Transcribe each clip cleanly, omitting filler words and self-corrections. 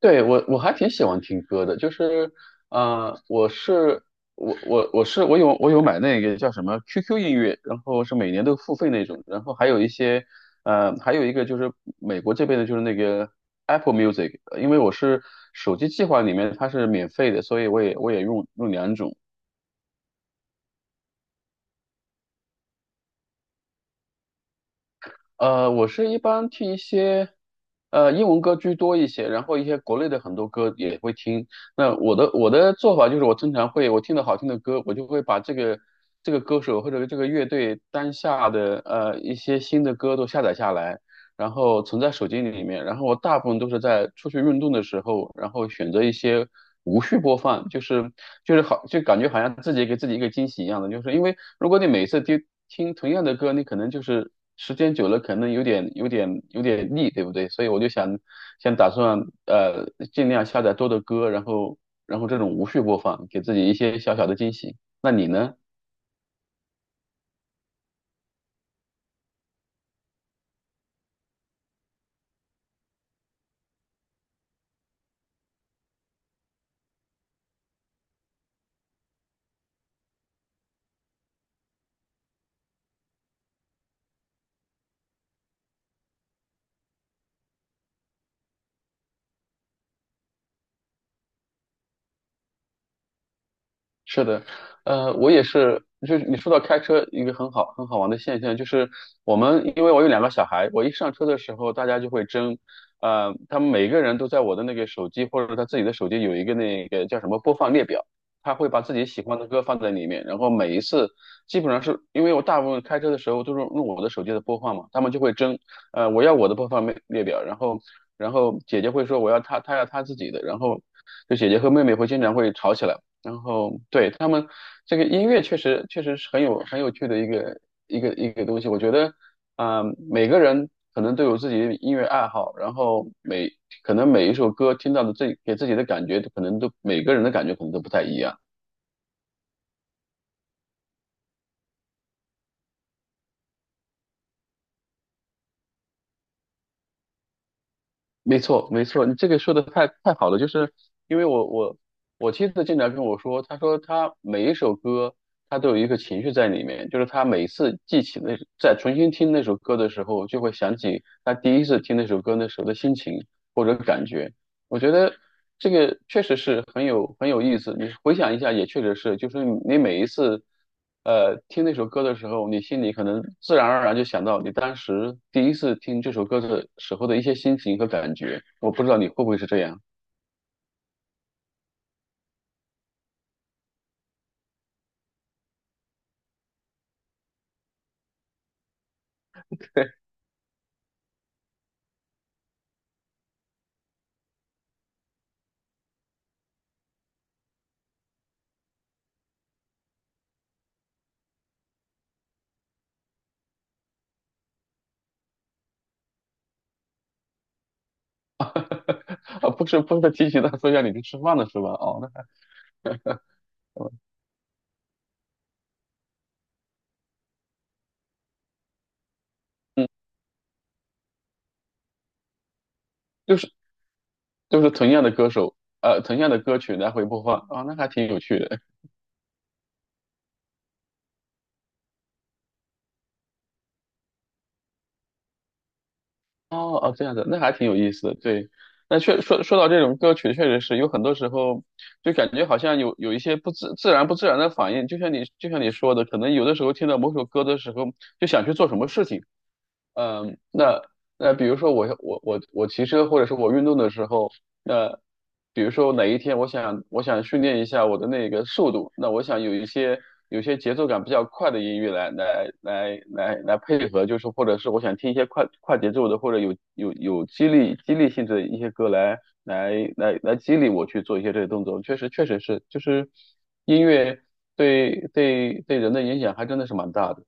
对，我还挺喜欢听歌的，就是，呃，我是我有买那个叫什么 QQ 音乐，然后是每年都付费那种，然后还有一些，还有一个就是美国这边的就是那个 Apple Music，因为我是手机计划里面它是免费的，所以我也用两种，我是一般听一些，英文歌居多一些，然后一些国内的很多歌也会听。那我的做法就是，我经常会我听到好听的歌，我就会把这个歌手或者这个乐队当下的一些新的歌都下载下来，然后存在手机里面，然后我大部分都是在出去运动的时候，然后选择一些无序播放，就是好，就感觉好像自己给自己一个惊喜一样的，就是因为如果你每次听同样的歌，你可能就是时间久了，可能有点腻，对不对？所以我就想打算呃尽量下载多的歌，然后这种无序播放，给自己一些小小的惊喜。是的，我也是，就是你说到开车一个很好玩的现象，就是我们因为我有两个小孩，我一上车的时候，大家就会争，他们每个人都在我的那个手机或者他自己的手机有一个那个叫什么播放列表，他会把自己喜欢的歌放在里面，然后每一次基本上是因为我大部分开车的时候都是用我的手机的播放嘛，他们就会争，我要我的播放列表，然后姐姐会说我要她要她自己的，然后就姐姐和妹妹经常会吵起来。然后对他们这个音乐确实是很有趣的一个一个东西。我觉得，啊、每个人可能都有自己的音乐爱好，然后可能每一首歌听到的自己给自己的感觉，可能都每个人的感觉可能都不太一样。没错，没错，你这个说的太好了，就是因为我妻子经常跟我说，她说她每一首歌，她都有一个情绪在里面，就是她每次记起那，在重新听那首歌的时候，就会想起她第一次听那首歌那时候的心情或者感觉。我觉得这个确实是很有意思。你回想一下，也确实是，就是你每一次，听那首歌的时候，你心里可能自然而然就想到你当时第一次听这首歌的时候的一些心情和感觉。我不知道你会不会是这样。啊，不是不是提醒他说一下你去吃饭了是吧？哦，那还就是就是同样的歌手，同样的歌曲来回播放，啊、那还挺有趣的。哦哦，这样子，那还挺有意思的。对，说到这种歌曲，确实是有很多时候就感觉好像有一些不自然的反应，就像你说的，可能有的时候听到某首歌的时候，就想去做什么事情。嗯，那比如说我骑车或者是我运动的时候，那比如说哪一天我想训练一下我的那个速度，那我想有些节奏感比较快的音乐来配合，就是或者是我想听一些快节奏的或者有激励性质的一些歌来激励我去做一些这些动作，确实是就是音乐对人的影响还真的是蛮大的，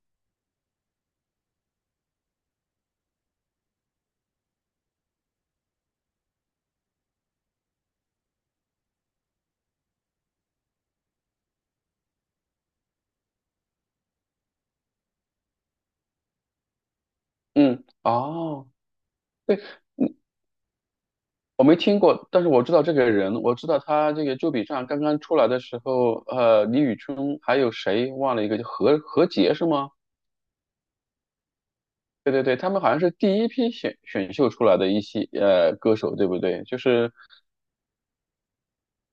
嗯，哦。我没听过，但是我知道这个人，我知道他这个周笔畅刚刚出来的时候，李宇春还有谁忘了一个，叫何洁是吗？对对对，他们好像是第一批选秀出来的一些歌手，对不对？就是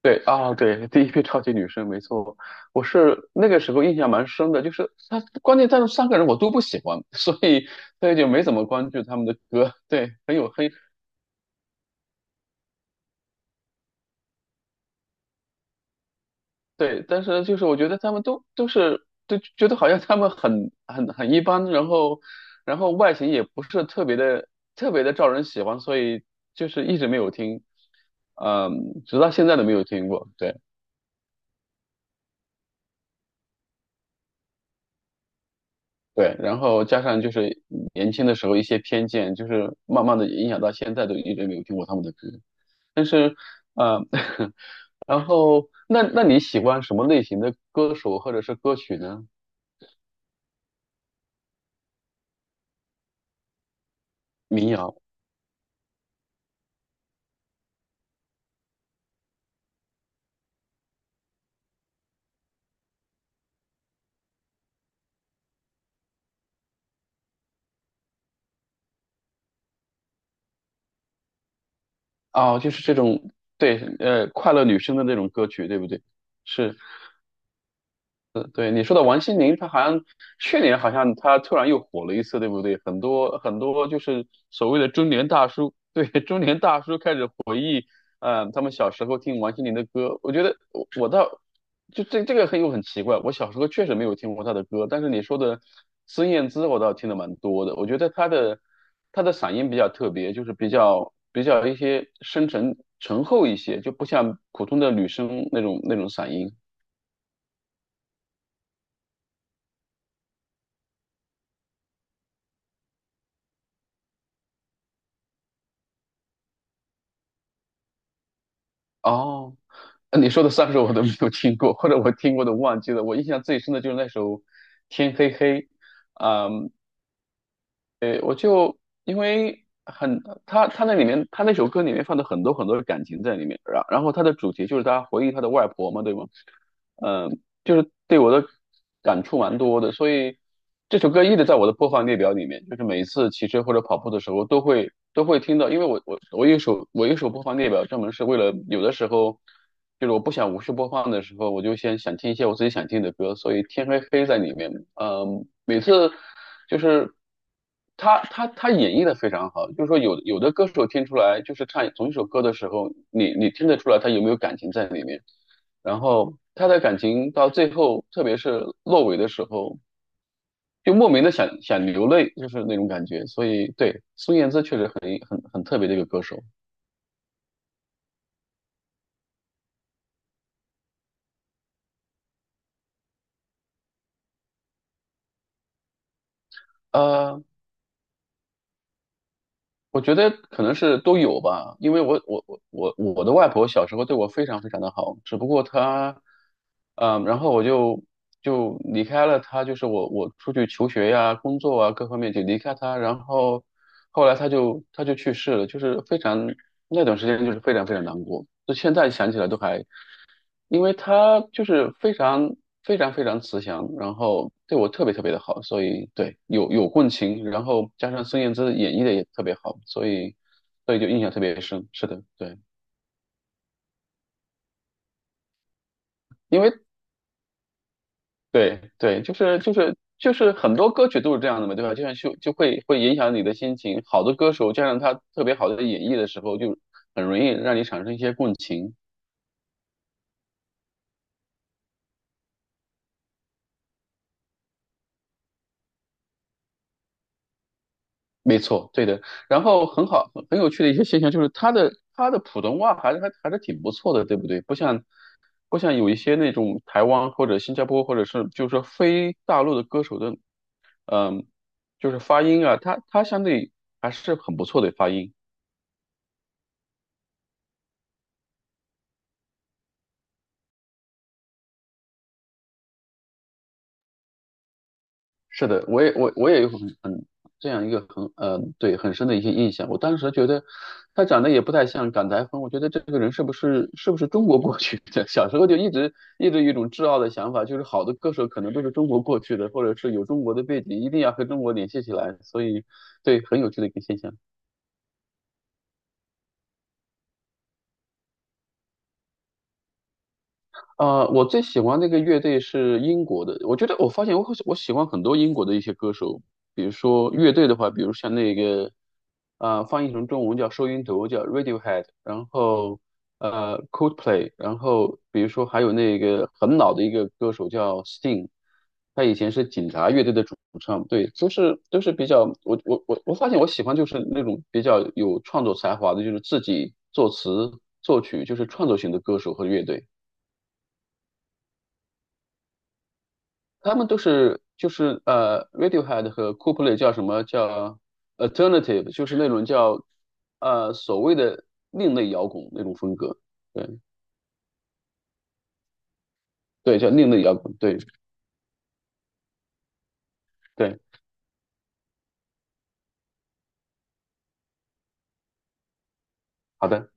对啊、对，第一批超级女声，没错。我是那个时候印象蛮深的，就是他，关键他们三个人我都不喜欢，所以就没怎么关注他们的歌，对，很有很对，但是就是我觉得他们都觉得好像他们很一般，然后外形也不是特别的招人喜欢，所以就是一直没有听，直到现在都没有听过。对对，然后加上就是年轻的时候一些偏见，就是慢慢的影响到现在都一直没有听过他们的歌。但是，呃，然后那你喜欢什么类型的歌手或者是歌曲呢？民谣。哦，就是这种，对，快乐女生的那种歌曲，对不对？是，对，你说的王心凌，她好像去年好像她突然又火了一次，对不对？很多很多就是所谓的中年大叔，对，中年大叔开始他们小时候听王心凌的歌，我觉得我倒就这个很奇怪，我小时候确实没有听过她的歌，但是你说的孙燕姿，我倒听的蛮多的。我觉得她的嗓音比较特别，就是比较一些深沉醇厚一些，就不像普通的女生那种嗓音。哦，你说的三首我都没有听过，或者我听过的忘记了。我印象最深的就是那首《天黑黑》，啊、对，我就因为很他那里面他那首歌里面放的很多很多的感情在里面，然后他的主题就是他回忆他的外婆嘛，对吗？嗯，就是对我的感触蛮多的，所以这首歌一直在我的播放列表里面，就是每一次骑车或者跑步的时候都会听到，因为我有一首播放列表，专门是为了有的时候就是我不想无视播放的时候，我就先想听一些我自己想听的歌，所以天黑黑在里面，每次就是他演绎的非常好，就是说有的歌手听出来，就是唱同一首歌的时候，你听得出来他有没有感情在里面。然后他的感情到最后，特别是落尾的时候，就莫名的想流泪，就是那种感觉。所以，对，孙燕姿确实很特别的一个歌手。呃，我觉得可能是都有吧，因为我的外婆小时候对我非常非常的好，只不过她，然后我就离开了她，就是我出去求学呀、工作啊各方面就离开她，然后后来她就去世了，就是非常那段时间就是非常非常难过，就现在想起来都还因为他就是非常慈祥，然后对我特别特别的好，所以对有共情，然后加上孙燕姿演绎的也特别好，所以就印象特别深。是的，对，因为对对，就是很多歌曲都是这样的嘛，对吧？就像就就会影响你的心情，好的歌手加上他特别好的演绎的时候，就很容易让你产生一些共情。没错，对的。然后很好，很有趣的一些现象就是他的普通话还是挺不错的，对不对？不像有一些那种台湾或者新加坡或者是就是说非大陆的歌手的，嗯，就是发音啊，他相对还是很不错的发音。是的，我也有很这样一个很对很深的一些印象。我当时觉得他长得也不太像港台风，我觉得这个人是不是中国过去的？小时候就一直有一种自傲的想法，就是好的歌手可能都是中国过去的，或者是有中国的背景，一定要和中国联系起来。所以对，很有趣的一个现象。我最喜欢那个乐队是英国的。我觉得我发现我喜欢很多英国的一些歌手，比如说乐队的话，比如像那个，翻译成中文叫收音头，叫 Radiohead，然后Coldplay，然后比如说还有那个很老的一个歌手叫 Sting，他以前是警察乐队的主唱，对，都是比较我发现我喜欢就是那种比较有创作才华的，就是自己作词作曲，就是创作型的歌手和乐队。他们都是就是Radiohead 和 Coldplay 叫什么叫 alternative，就是那种叫所谓的另类摇滚那种风格。对对，叫另类摇滚。对对，好的。